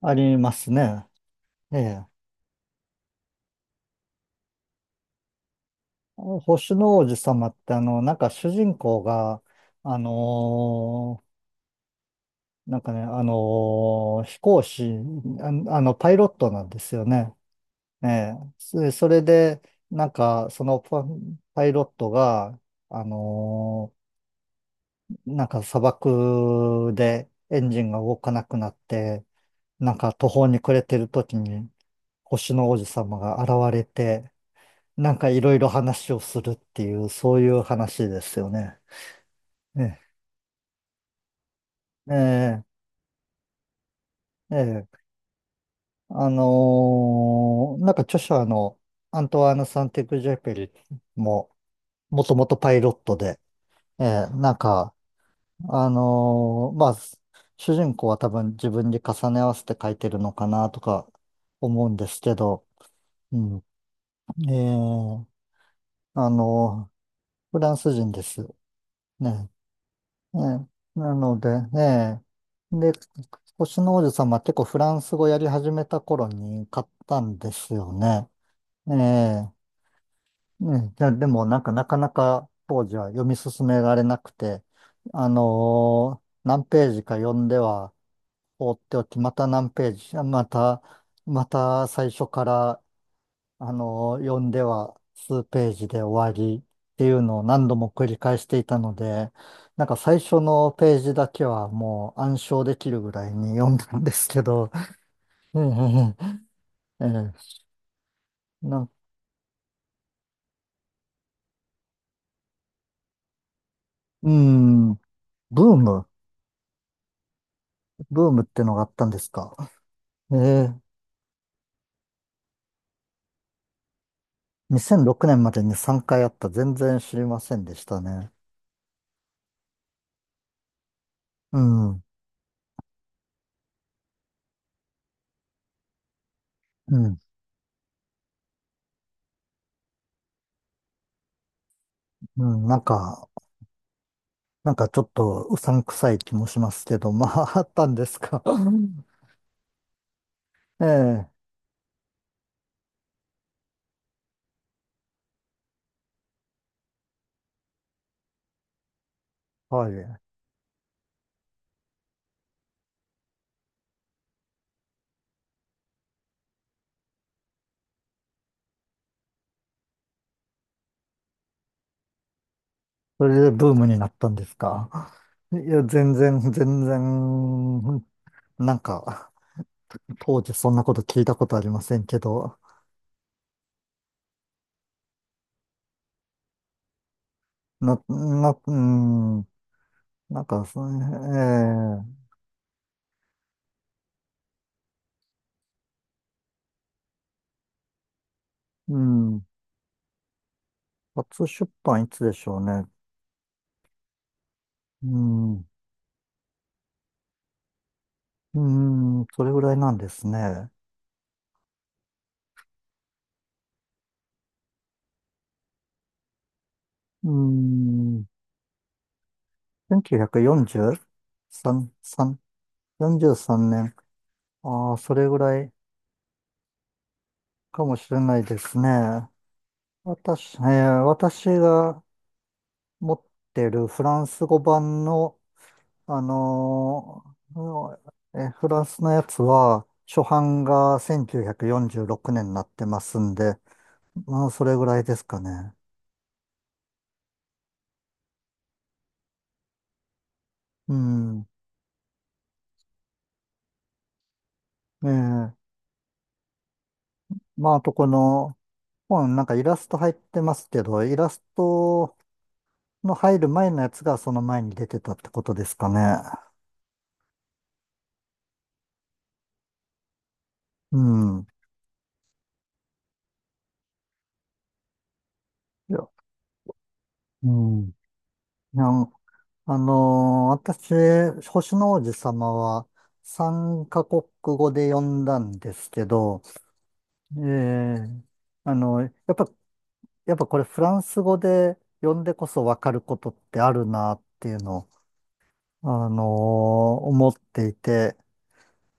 ありますね。ええ。星の王子様ってなんか主人公が、あのーなんかね、飛行士、あ、あの、パイロットなんですよね。ええ。それで、なんか、パイロットが、あのーなんか砂漠でエンジンが動かなくなって、なんか途方に暮れてる時に、星の王子様が現れて、なんかいろいろ話をするっていう、そういう話ですよね。ね。ええ、ええ、なんか著者のアントワーヌ・サンテグジェペリも、もともとパイロットで、ええ、なんか、まあ、主人公は多分自分に重ね合わせて書いてるのかなとか思うんですけど、うん、ええ、あのーフランス人です。ね。ええ、なので、ね。で、星の王子様は結構フランス語やり始めた頃に買ったんですよね。ええ、ね、じゃあでもなんかなかなか当時は読み進められなくて、何ページか読んでは放っておき、また何ページ、また、また最初からあの、読んでは数ページで終わりっていうのを何度も繰り返していたので、なんか最初のページだけはもう暗唱できるぐらいに 読んだんですけど、うんうんうん、ええなん、うん、ーム、ブームってのがあったんですか。ええ。2006年までに3回あった。全然知りませんでしたね。うん、うん、うん、なんか、なんかちょっとうさんくさい気もしますけど、まあ、あったんですか。うん。ええ。はい。それでブームになったんですか。いや、全然、全然、なんか、当時そんなこと聞いたことありませんけど、うん、なんか、そのええ。うん、初出版いつでしょうね。うん、うん、それぐらいなんですね。うん、1943、3 43年。ああ、それぐらいかもしれないですね。私、えー私が持ってるフランス語版の、あのーえフランスのやつは、初版が1946年になってますんで、まあ、それぐらいですかね。うん。ええ。まあ、あとこの本、なんかイラスト入ってますけど、イラストの入る前のやつがその前に出てたってことですかね。うん。いや、うん。いや、私、星の王子様は3カ国語で読んだんですけど、えー、あの、やっぱこれフランス語で読んでこそわかることってあるなっていうのを、思っていて、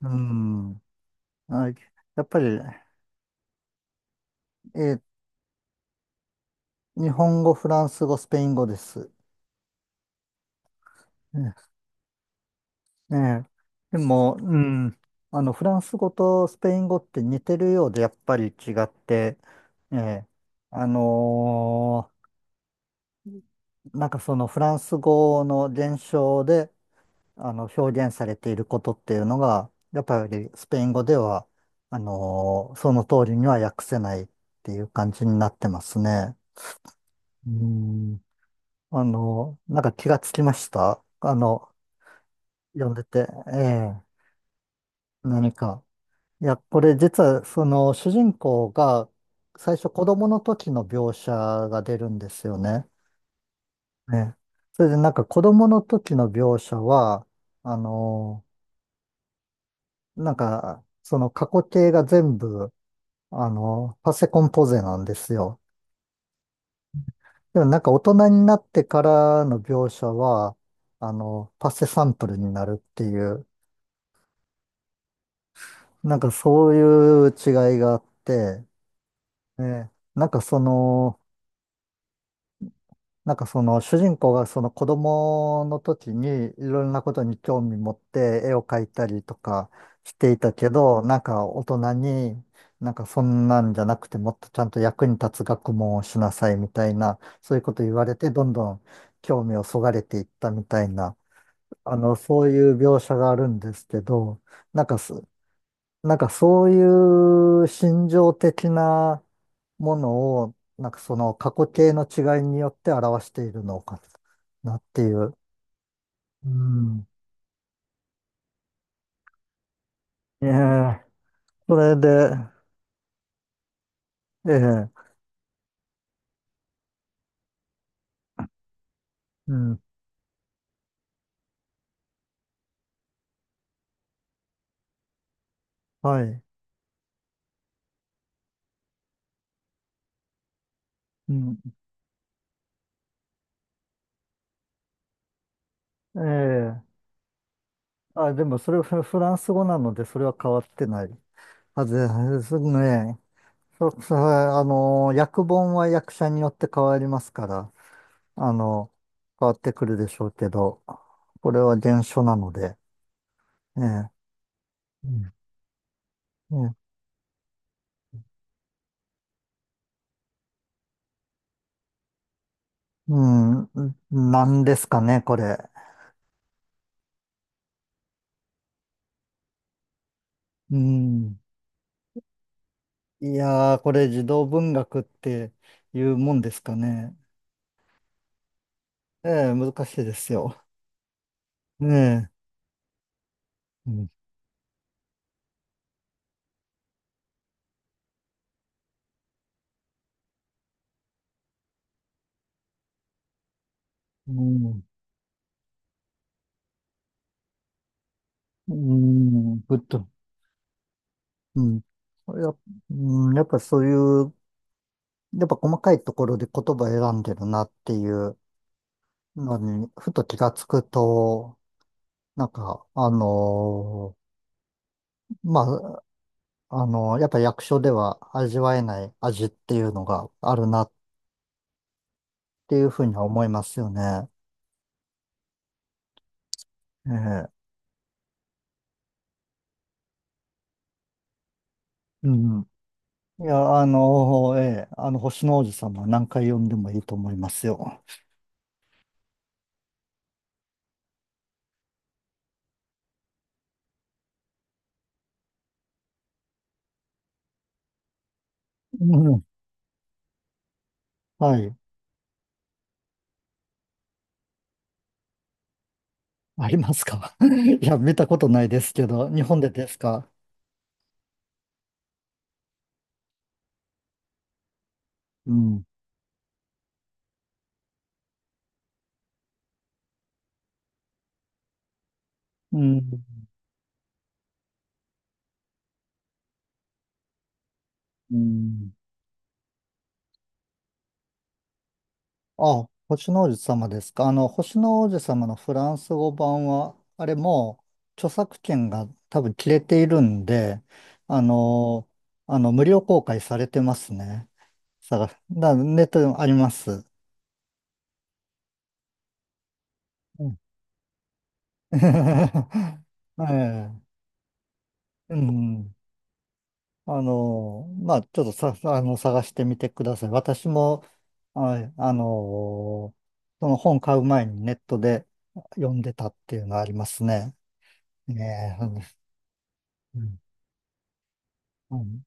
うん。あ、やっぱり、えー日本語、フランス語、スペイン語です。ねえ。でも、うん。あの、フランス語とスペイン語って似てるようで、やっぱり違って、ええ。あのーなんかそのフランス語の伝承で、あの、表現されていることっていうのが、やっぱりスペイン語では、その通りには訳せないっていう感じになってますね。うん。なんか気がつきました。あの、読んでて、ええ。何か。いや、これ実はその主人公が最初子供の時の描写が出るんですよね。ね。それでなんか子供の時の描写は、あの、なんかその過去形が全部、あの、パセコンポゼなんですよ。でもなんか大人になってからの描写は、あの、パセサンプルになるっていう、なんかそういう違いがあって、ね。なんかその、なんかその主人公がその子供の時にいろんなことに興味持って絵を描いたりとかしていたけど、なんか大人になんかそんなんじゃなくてもっとちゃんと役に立つ学問をしなさいみたいな、そういうこと言われてどんどん興味をそがれていったみたいな、あの、そういう描写があるんですけど、なんかすなんかそういう心情的なものを、なんかその過去形の違いによって表しているのかなっていう。うん。ええ、それで、ええ、うん、はい。うん、ええ、あ、でもそれフランス語なのでそれは変わってないはずですね。それ、あの、訳本は役者によって変わりますから、あの、変わってくるでしょうけど、これは原書なので。ええ、うん、うん、なんですかね、これ。うん。いやー、これ児童文学っていうもんですかね。ええ、難しいですよ。ええ、うん、うん、うんぶっと、うん。やっ、うん、やっぱそういう、やっぱ細かいところで言葉選んでるなっていうのに、ふと気がつくと、なんか、まあ、あの、やっぱ役所では味わえない味っていうのがあるなっていうふうには思いますよね。ええ。うん。いや、あの、ええ、あの、星の王子様は何回読んでもいいと思いますよ。うん。はい。ありますか？ いや、見たことないですけど、日本でですか？うん。うん。うん。あ、星の王子様ですか。あの、星の王子様のフランス語版は、あれもう著作権が多分切れているんで、あの、あの、無料公開されてますね。探す。だ、ネットでもあります。うん。 ええ、うん。あの、まあ、ちょっとさ、あの、探してみてください。私も、はい、あの、その本買う前にネットで読んでたっていうのはありますね。ねえ。うん。うん